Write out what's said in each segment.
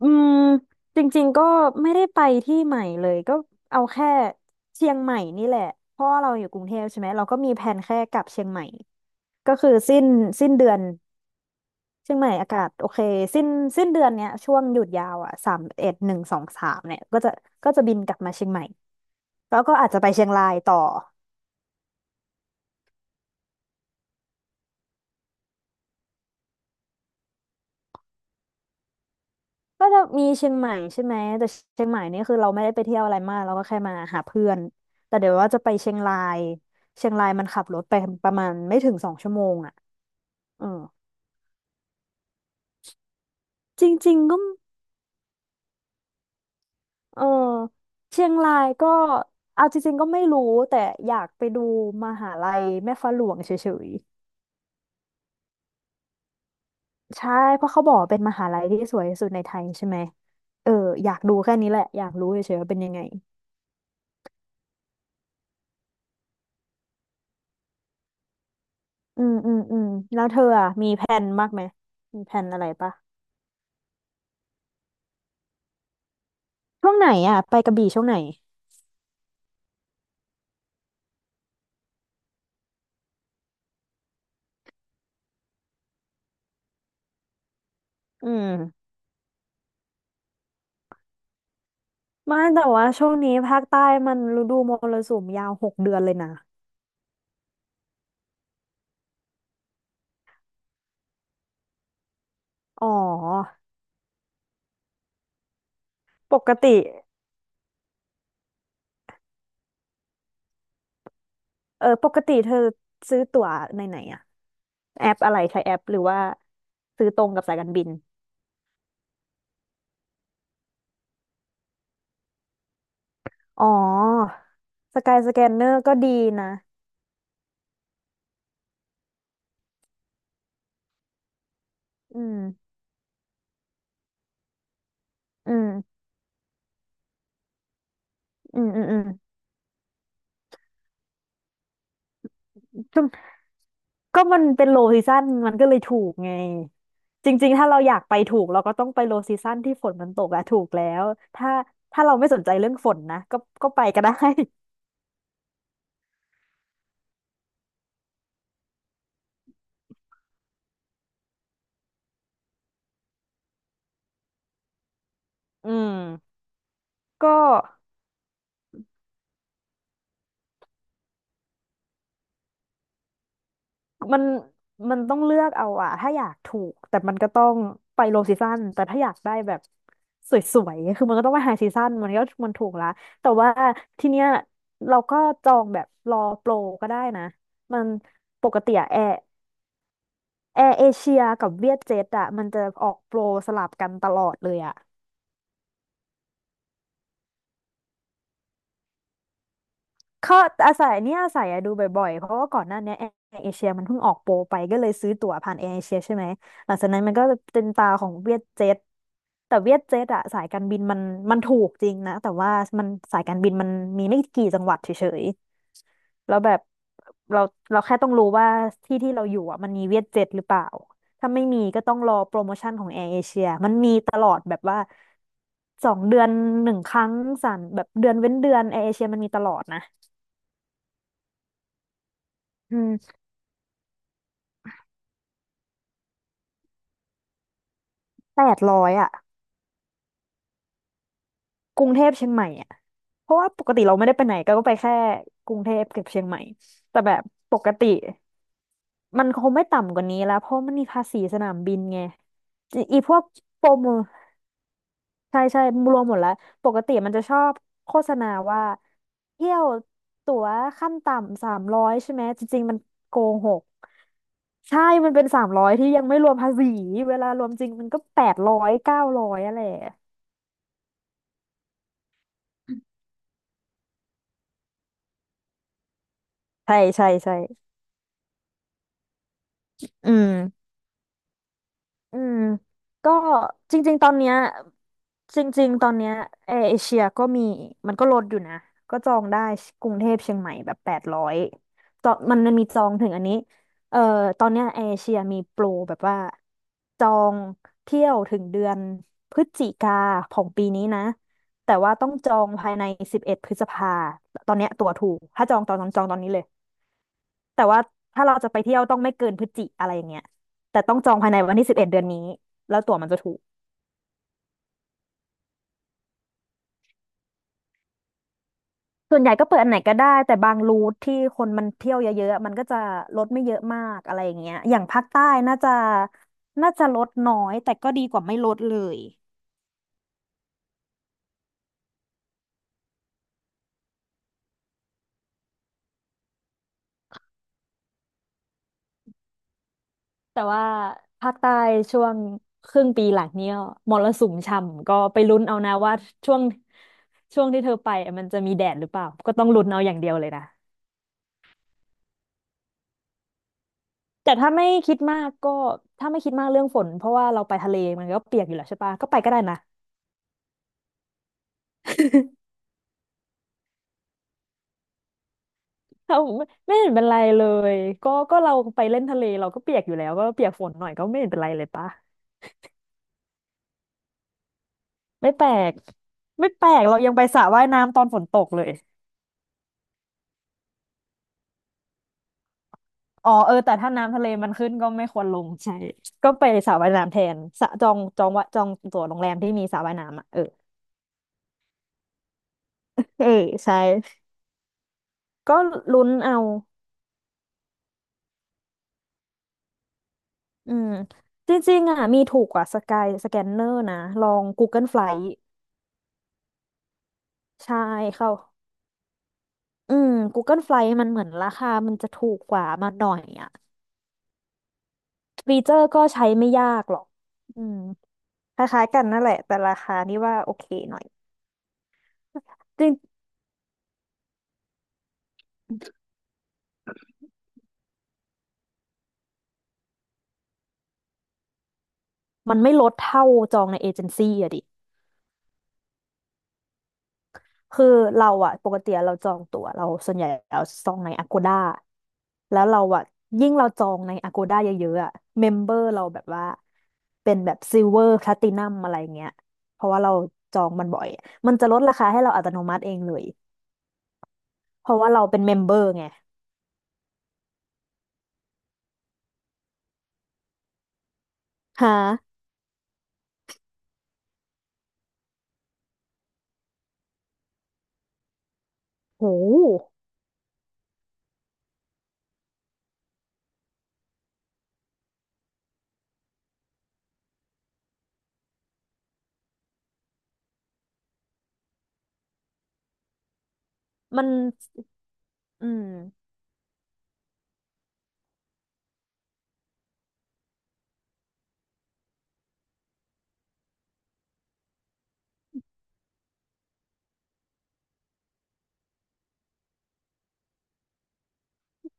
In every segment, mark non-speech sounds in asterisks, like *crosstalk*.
อืมจริงๆก็ไม่ได้ไปที่ใหม่เลยก็เอาแค่เชียงใหม่นี่แหละเพราะว่าเราอยู่กรุงเทพใช่ไหมเราก็มีแผนแค่กลับเชียงใหม่ก็คือสิ้นเดือนเชียงใหม่อากาศโอเคสิ้นสิ้นเดือนเนี้ยช่วงหยุดยาวอ่ะสามเอ็ดหนึ่งสองสามเนี่ยก็จะบินกลับมาเชียงใหม่แล้วก็อาจจะไปเชียงรายต่อ ก็จะมีเชียงใหม่ใช่ไหมแต่เชียงใหม่นี่คือเราไม่ได้ไปเที่ยวอะไรมากเราก็แค่มาหาเพื่อนแต่เดี๋ยวว่าจะไปเชียงรายเชียงรายมันขับรถไปประมาณไม่ถึง2 ชั่วโมงอ่ะเออจริงๆก็เออเชียงรายก็เอาจริงๆก็ไม่รู้แต่อยากไปดูมหาลัยแม่ฟ้าหลวงเฉยๆใช่เพราะเขาบอกว่าเป็นมหาลัยที่สวยที่สุดในไทยใช่ไหมเอออยากดูแค่นี้แหละอยากรู้เฉยๆว่าเป็นยังไงอืมอืมอืมแล้วเธออะมีแผนมากไหมมีแผนอะไรปะ ช่วงไหนอ่ะไปกระบี่ช่วงไหนอืมไม่แต่ว่าช่วงนี้ภาคใต้มันฤดูมรสุมยาว6 เดือนเลยนะอ๋อปกติเออปกติเธอซื้อตั๋วในไหนอะแอปอะไรใช้แอปหรือว่าซื้อตรงกับสายการบิน อ๋อ สกายสแกนเนอร์ก็ดีนะอืม อืม อืม อืม อืม ก็มันเป็นโลซีซั o นมันก็เลยถูกไงจริงๆถ้าเราอยากไปถูกเราก็ต้องไปโลซีซั o นที่ฝนมันตกอะถูกแล้วถ้าถ้าเราไม่สนใจเรื่องฝนนะก็ก็ไปก็ได้ *laughs* อืมก็มันมันต้องเลือกเอาอะ ถ้าอยากถูกแต่มันก็ต้องไปโลซีซั o นแต่ถ้าอยากได้แบบสวยๆคือมันก็ต้องไปไฮซีซั o นมันก็มันถูกละแต่ว่าทีเนี้ยเราก็จองแบบรอโปรก็ได้นะมันปกติอะแอร์เอเชียกับเวียดเจ็ตอ่ะมันจะออกโปรสลับกันตลอดเลยอ่ะเขาอาศัยเนี่ยอาศัยอะดูบ่อยๆเพราะว่าก่อนหน้าเนี้แอร์เอเชียมันเพิ่งออกโปรไปก็เลยซื้อตั๋วผ่านแอร์เอเชียใช่ไหมหลังจากนั้นมันก็จะเป็นตาของเวียดเจ็ตแต่เวียดเจ็ตอ่ะสายการบินมันมันถูกจริงนะแต่ว่ามันสายการบินมันมีไม่กี่จังหวัดเฉย แล้วแบบเราเราแค่ต้องรู้ว่าที่ที่เราอยู่อ่ะมันมีเวียดเจ็ตหรือเปล่าถ้าไม่มีก็ต้องรอโปรโมชั่นของแอร์เอเชียมันมีตลอดแบบว่า2 เดือน1 ครั้งสั่นแบบเดือนเว้นเดือนแอร์เอเชียมันมีตลอดนะอืมแปดร้อยอ่ะกรุงเทพเชียงใหม่อ่ะเพราะว่าปกติเราไม่ได้ไปไหนก็ไปแค่กรุงเทพกับเชียงใหม่แต่แบบปกติมันคงไม่ต่ำกว่านี้แล้วเพราะมันมีภาษีสนามบินไงอีพวกโปรโม ใช่ใช่รวมหมดแล้วปกติมันจะชอบโฆษณาว่าเที่ยวตั๋วขั้นต่ำสามร้อยใช่ไหมจริงๆมันโกหกใช่มันเป็นสามร้อยที่ยังไม่รวมภาษีเวลารวมจริงมันก็แปดร้อยเก้าร้อยอะไรอะใช่ใช่ใช่อืม อืมก็จริงๆตอนเนี้ยจริงๆตอนเนี้ยแอร์เอเชียก็มีมันก็ลดอยู่นะก็จองได้กรุงเทพเชียงใหม่แบบแปดร้อยจองมันมันมีจองถึงอันนี้เอ่อตอนเนี้ยแอร์เอเชียมีโปรแบบว่าจองเที่ยวถึงเดือนพฤศจิกาของปีนี้นะแต่ว่าต้องจองภายใน11 พฤษภาตอนเนี้ยตั๋วถูกถ้าจองตอนนั้นจองตอนนี้เลย แต่ว่าถ้าเราจะไปเที่ยวต้องไม่เกินพฤศจิอะไรอย่างเงี้ยแต่ต้องจองภายในวันที่สิบเอ็ดเดือนนี้แล้วตั๋วมันจะถูกส่วนใหญ่ก็เปิดอันไหนก็ได้แต่บางรูทที่คนมันเที่ยวเยอะๆมันก็จะลดไม่เยอะมากอะไรอย่างเงี้ยอย่างภาคใต้น่าจะน่าจะลดน้อยแต่ก็ดีกว่าไม่ลดเลยแต่ว่าภาคใต้ช่วงครึ่งปีหลังเนี้ยมรสุมช่ำก็ไปลุ้นเอานะว่าช่วงช่วงที่เธอไปอะมันจะมีแดดหรือเปล่าก็ต้องลุ้นเอาอย่างเดียวเลยนะ แต่ถ้าไม่คิดมากก็ถ้าไม่คิดมากเรื่องฝนเพราะว่าเราไปทะเลมันก็เปียกอยู่แล้วใช่ปะก็ไปก็ได้นะ *laughs* เราไม่เห็นเป็นไรเลยก็เราไปเล่นทะเลเราก็เปียกอยู่แล้วก็เปียกฝนหน่อยก็ไม่เห็นเป็นไรเลยปะไม่แปลกไม่แปลกเรายังไปสระว่ายน้ำตอนฝนตกเลยอ๋อเออแต่ถ้าน้ำทะเลมันขึ้นก็ไม่ควรลงใช่ก็ไปสระว่ายน้ำแทนสระจองวะจองตั๋วโรงแรมที่มีสระว่ายน้ำอ่ะเออเออใช่ก็ลุ้นเอา อืมจริงๆอ่ะมีถูกกว่าสกายสแกนเนอร์นะลอง Google Flight ใช่เข้าอืม Google Flight มันเหมือนราคามันจะถูกกว่ามาหน่อยอ่ะฟีเจอร์ก็ใช้ไม่ยากหรอกอืมคล้ายๆกันนั่นแหละแต่ราคานี่ว่าโอเคหน่อยจริงมันไม่ลดเท่าจองในเอเจนซี่อะดิ คือเราอะปกติเราจองตั๋วเราส่วนใหญ่เราจองใน Agoda แล้วเราอะยิ่งเราจองใน Agoda เยอะๆอะเมมเบอร์เราแบบว่าเป็นแบบซิลเวอร์ l a ล i ตินัมอะไรเงี้ยเพราะว่าเราจองมันบ่อยมันจะลดราคาให้เราอัตโนมัติเองเลยเพราะว่าเราเป็นเมมเบอร์ไงฮะโหมันอืม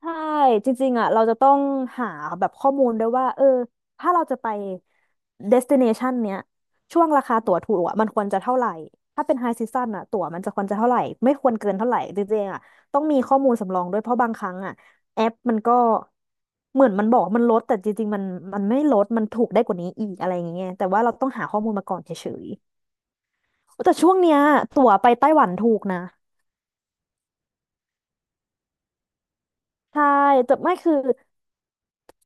ใช่จริงๆอ่ะเราจะต้องหาแบบข้อมูลด้วยว่าเออถ้าเราจะไป destination เนี้ยช่วงราคาตั๋วถูกอ่ะมันควรจะเท่าไหร่ถ้าเป็น high season อ่ะตั๋วมันจะควรจะเท่าไหร่ไม่ควรเกินเท่าไหร่จริงๆอ่ะต้องมีข้อมูลสำรองด้วยเพราะบางครั้งอ่ะแอปมันก็เหมือนมันบอกมันลดแต่จริงๆมันไม่ลดมันถูกได้กว่านี้อีกอะไรอย่างเงี้ยแต่ว่าเราต้องหาข้อมูลมาก่อนเฉยๆแต่ช่วงเนี้ยตั๋วไปไต้หวันถูกนะ ใช่แต่ไม่คือ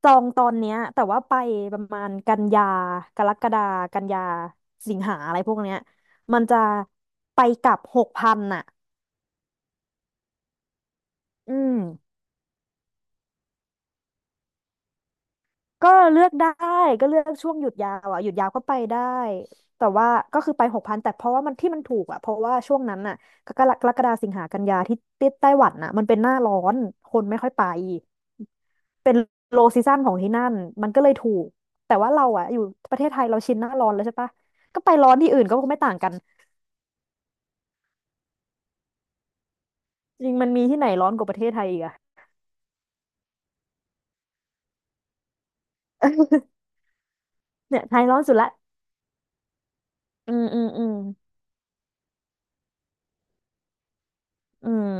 จองตอนเนี้ยแต่ว่าไปประมาณกันยากรกฎากันยาสิงหาอะไรพวกเนี้ยมันจะไปกลับหกพันน่ะอืม ก็เลือกได้ก็เลือกช่วงหยุดยาวอ่ะหยุดยาวก็ไปได้แต่ว่าก็คือไปหกพันแต่เพราะว่ามันที่มันถูกอ่ะเพราะว่าช่วงนั้นน่ะกรกฎาสิงหากันยาที่ไต้หวันน่ะมันเป็นหน้าร้อนคนไม่ค่อยไปเป็นโลซีซั่นของที่นั่นมันก็เลยถูกแต่ว่าเราอ่ะอยู่ประเทศไทยเราชินหน้าร้อนแล้วใช่ปะก็ไปร้อนที่อื่นก็คงไม่ต่างกันจริงมันมีที่ไหนร้อนกว่าประเทศไทยอีกอะ *laughs* เนี่ยไทยร้อนสุดละอืมอืมอืมอืม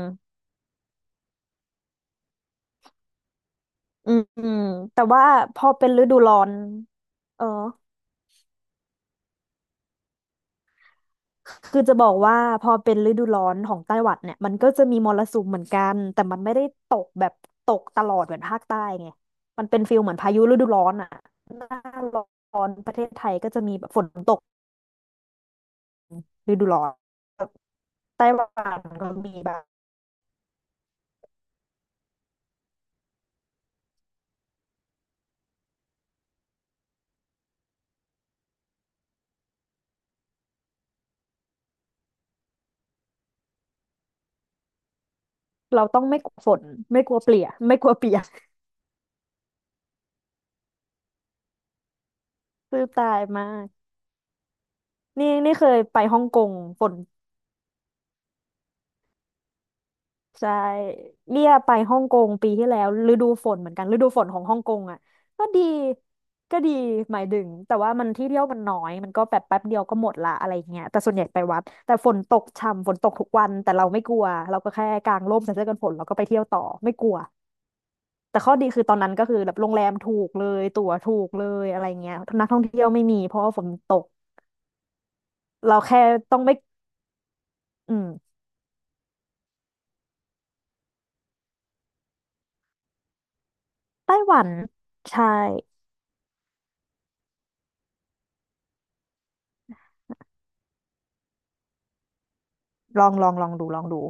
อืมอืมแต่ว่าพอเป็นฤดูร้อนเออ คือจะบอกว่าพอเป็นฤดูร้อนของไต้หวันเนี่ยมันก็จะมีมรสุมเหมือนกันแต่มันไม่ได้ตกแบบตกตลอดเหมือนภาคใต้ไงมันเป็นฟิลเหมือนพายุฤดูร้อนอ่ะหน้าร้อนประเทศไทยก็จะมีแบบฝนตกฤดูร้อนไต้หวันก็มีแบบเราต้องไม่กลัวฝนไม่กลัวเปียกไม่กลัวเปียก *laughs* คือตายมากนี่นี่เคยไปฮ่องกงฝน ใช่เนี้ยไปฮ่องกงปีที่แล้วฤดูฝนเหมือนกันฤดูฝนของฮ่องกงอ่ะก็ดีก็ดีหมายถึงแต่ว่ามันที่เที่ยวมันน้อยมันก็แบบแป๊บเดียวก็หมดละอะไรอย่างเงี้ยแต่ส่วนใหญ่ไปวัดแต่ฝนตกช่ำฝนตกทุกวันแต่เราไม่กลัวเราก็แค่กางร่มใส่เสื้อกันฝนเราก็ไปเที่ยวต่อไม่กลัวแต่ข้อดีคือตอนนั้นก็คือแบบโรงแรมถูกเลยตั๋วถูกเลยอะไรเงี้ยนักท่องเที่ยวไม่มีเพราะว่าฝนตกเราแค่ต้องไม่อืมไต้หวันใช่ลองลองลองดูลองดู